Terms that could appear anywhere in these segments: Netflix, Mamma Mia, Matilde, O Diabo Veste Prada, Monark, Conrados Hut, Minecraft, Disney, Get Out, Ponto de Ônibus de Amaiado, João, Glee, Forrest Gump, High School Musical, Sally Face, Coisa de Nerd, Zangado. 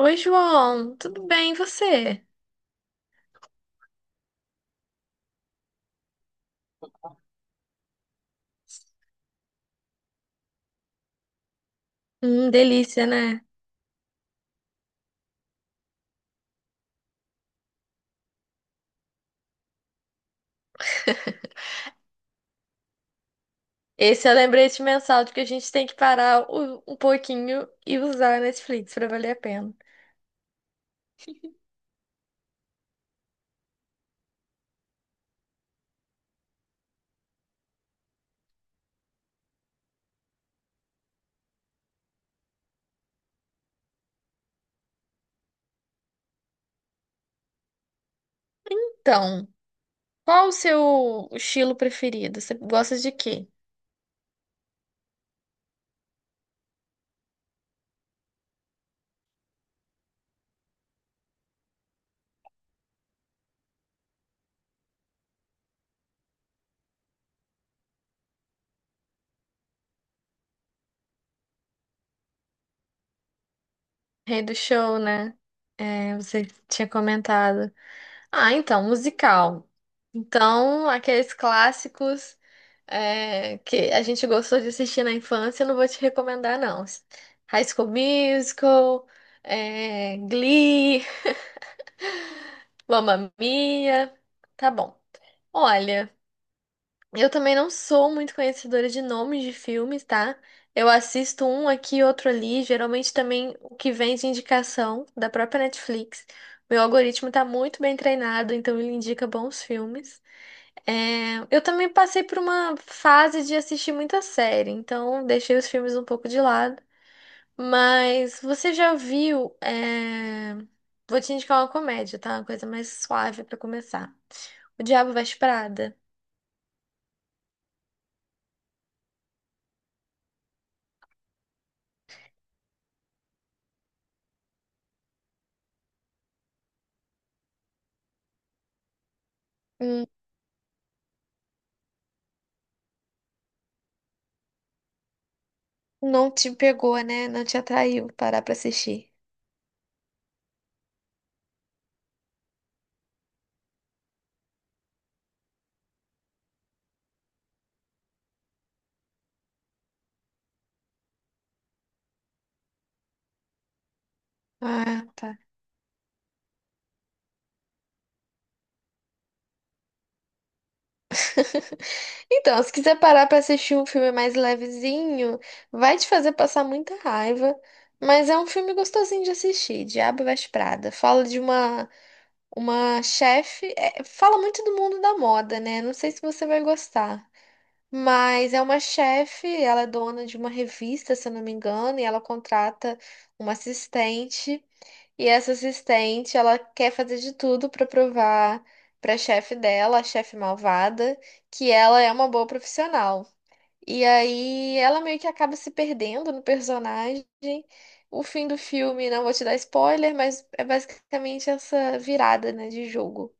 Oi, João, tudo bem? E você? Delícia, né? Esse é o lembrete mensal de que a gente tem que parar um pouquinho e usar a Netflix para valer a pena. Então, qual o seu estilo preferido? Você gosta de quê? Rei do show, né? É, você tinha comentado. Ah, então, musical. Então, aqueles clássicos, é, que a gente gostou de assistir na infância, eu não vou te recomendar, não. High School Musical, é, Glee, Mamma Mia. Tá bom. Olha, eu também não sou muito conhecedora de nomes de filmes, tá? Eu assisto um aqui, outro ali, geralmente também o que vem de indicação da própria Netflix. Meu algoritmo tá muito bem treinado, então ele indica bons filmes. É, eu também passei por uma fase de assistir muita série, então deixei os filmes um pouco de lado. Mas você já viu? É, vou te indicar uma comédia, tá? Uma coisa mais suave pra começar. O Diabo Veste Prada. Hum, não te pegou, né? Não te atraiu parar pra assistir. Ah, tá. Então, se quiser parar pra assistir um filme mais levezinho, vai te fazer passar muita raiva, mas é um filme gostosinho de assistir, Diabo Veste Prada. Fala de uma chefe, é, fala muito do mundo da moda, né? Não sei se você vai gostar, mas é uma chefe, ela é dona de uma revista, se eu não me engano, e ela contrata uma assistente e essa assistente, ela quer fazer de tudo para provar para a chefe dela, a chefe malvada, que ela é uma boa profissional. E aí ela meio que acaba se perdendo no personagem. O fim do filme, não vou te dar spoiler, mas é basicamente essa virada, né, de jogo.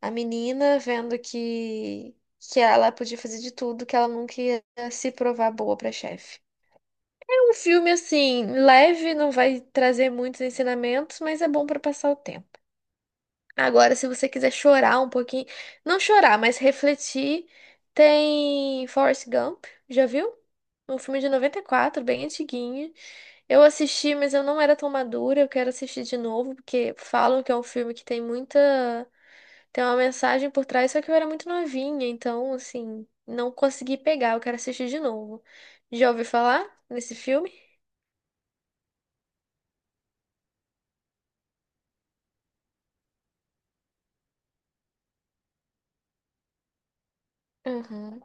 A menina vendo que ela podia fazer de tudo, que ela nunca ia se provar boa pra chefe. É um filme assim, leve, não vai trazer muitos ensinamentos, mas é bom para passar o tempo. Agora, se você quiser chorar um pouquinho, não chorar, mas refletir, tem Forrest Gump, já viu? Um filme de 94, bem antiguinho. Eu assisti, mas eu não era tão madura, eu quero assistir de novo, porque falam que é um filme que tem muita. Tem uma mensagem por trás, só que eu era muito novinha, então, assim, não consegui pegar, eu quero assistir de novo. Já ouviu falar nesse filme? Uhum.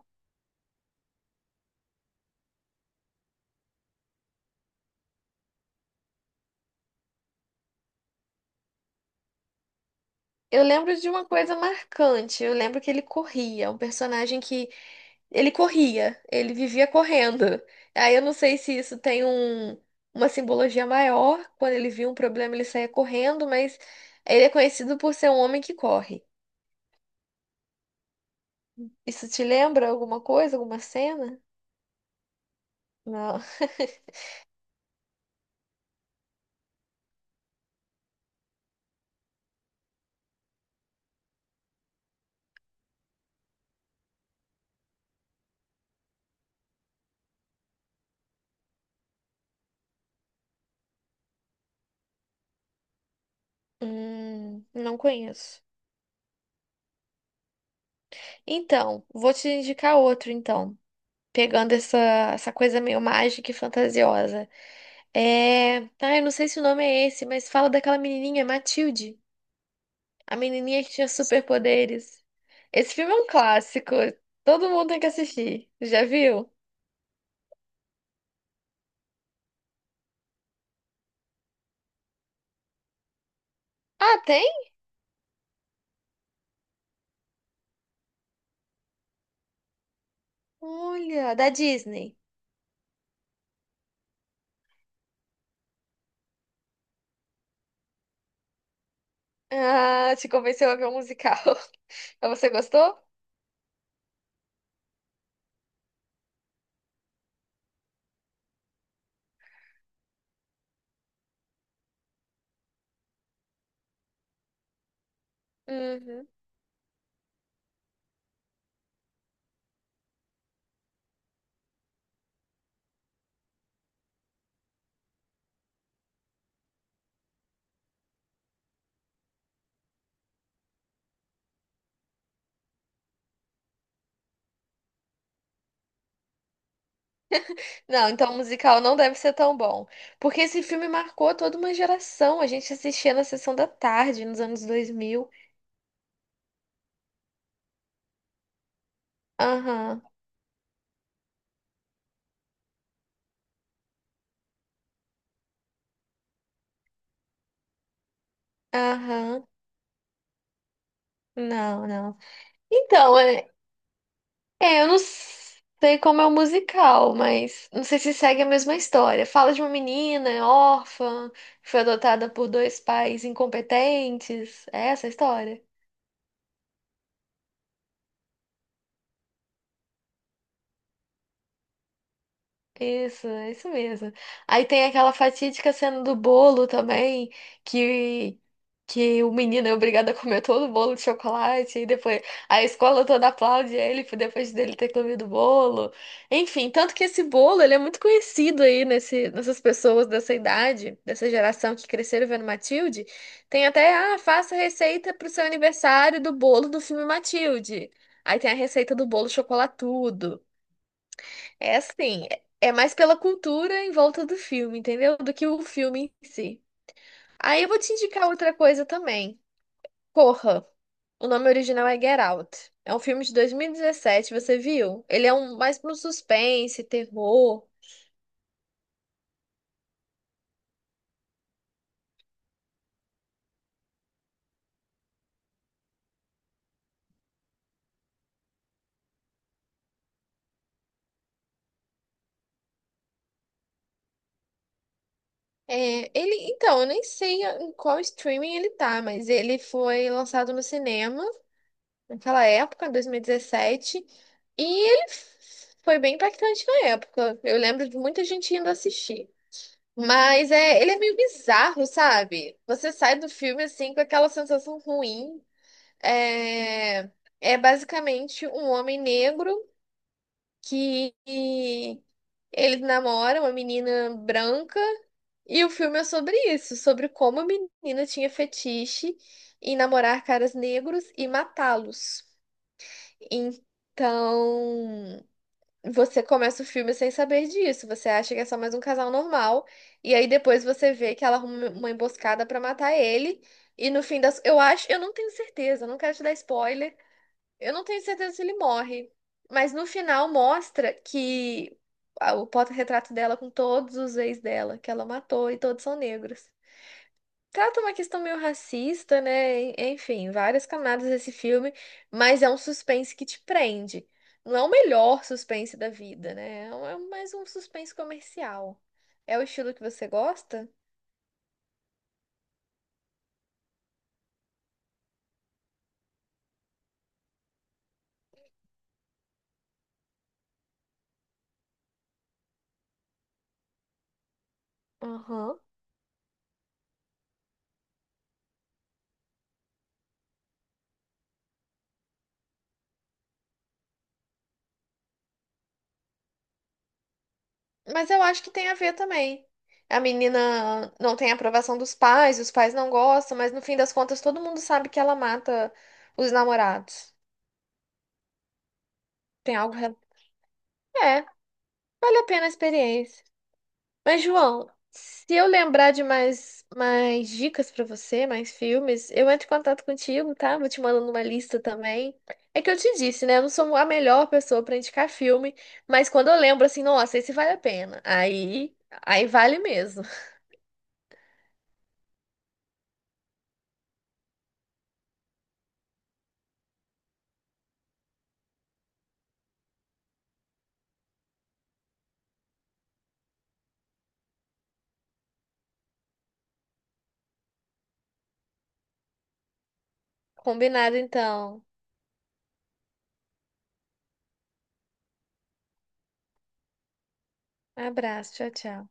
Eu lembro de uma coisa marcante. Eu lembro que ele corria, um personagem que ele corria, ele vivia correndo. Aí eu não sei se isso tem uma simbologia maior, quando ele via um problema ele saía correndo, mas ele é conhecido por ser um homem que corre. Isso te lembra alguma coisa, alguma cena? Não. Não conheço. Então, vou te indicar outro então, pegando essa coisa meio mágica e fantasiosa. É. Ah, eu não sei se o nome é esse, mas fala daquela menininha, Matilde. A menininha que tinha superpoderes. Esse filme é um clássico. Todo mundo tem que assistir. Já viu? Ah, tem? Olha, da Disney. Ah, te convenceu a ver um musical. Mas você gostou? Uhum. Não, então o musical não deve ser tão bom. Porque esse filme marcou toda uma geração. A gente assistia na sessão da tarde, nos anos 2000. Aham, aham. Não, não. Então, é. É, eu não sei como é o musical, mas não sei se segue a mesma história. Fala de uma menina órfã, que foi adotada por dois pais incompetentes. É essa a história? Isso mesmo. Aí tem aquela fatídica cena do bolo também, que, que o menino é obrigado a comer todo o bolo de chocolate, e depois a escola toda aplaude ele por depois dele ter comido o bolo. Enfim, tanto que esse bolo, ele é muito conhecido aí nessas pessoas dessa idade, dessa geração que cresceram vendo Matilde. Tem até, ah, faça receita pro seu aniversário do bolo do filme Matilde. Aí tem a receita do bolo chocolatudo. É assim, é mais pela cultura em volta do filme, entendeu? Do que o filme em si. Aí eu vou te indicar outra coisa também. Corra. O nome original é Get Out. É um filme de 2017, você viu? Ele é um mais para um suspense, terror. É, ele, então, eu nem sei em qual streaming ele tá, mas ele foi lançado no cinema naquela época, 2017, e foi bem impactante na época. Eu lembro de muita gente indo assistir. Mas é, ele é meio bizarro, sabe? Você sai do filme assim com aquela sensação ruim. É, é basicamente um homem negro que ele namora uma menina branca e o filme é sobre isso, sobre como a menina tinha fetiche em namorar caras negros e matá-los. Então, você começa o filme sem saber disso. Você acha que é só mais um casal normal. E aí depois você vê que ela arruma uma emboscada pra matar ele. E no fim das. Eu acho. Eu não tenho certeza, eu não quero te dar spoiler. Eu não tenho certeza se ele morre. Mas no final mostra que o porta-retrato dela com todos os ex dela, que ela matou, e todos são negros. Trata uma questão meio racista, né? Enfim, várias camadas desse filme, mas é um suspense que te prende. Não é o melhor suspense da vida, né? É é mais um suspense comercial. É o estilo que você gosta? Aham. Mas eu acho que tem a ver também. A menina não tem aprovação dos pais, os pais não gostam, mas no fim das contas todo mundo sabe que ela mata os namorados. Tem algo. É, vale a pena a experiência. Mas, João, se eu lembrar de mais dicas pra você, mais filmes, eu entro em contato contigo, tá? Vou te mandando uma lista também. É que eu te disse, né? Eu não sou a melhor pessoa pra indicar filme, mas quando eu lembro assim, nossa, esse vale a pena. Aí vale mesmo. Combinado, então. Abraço, tchau, tchau.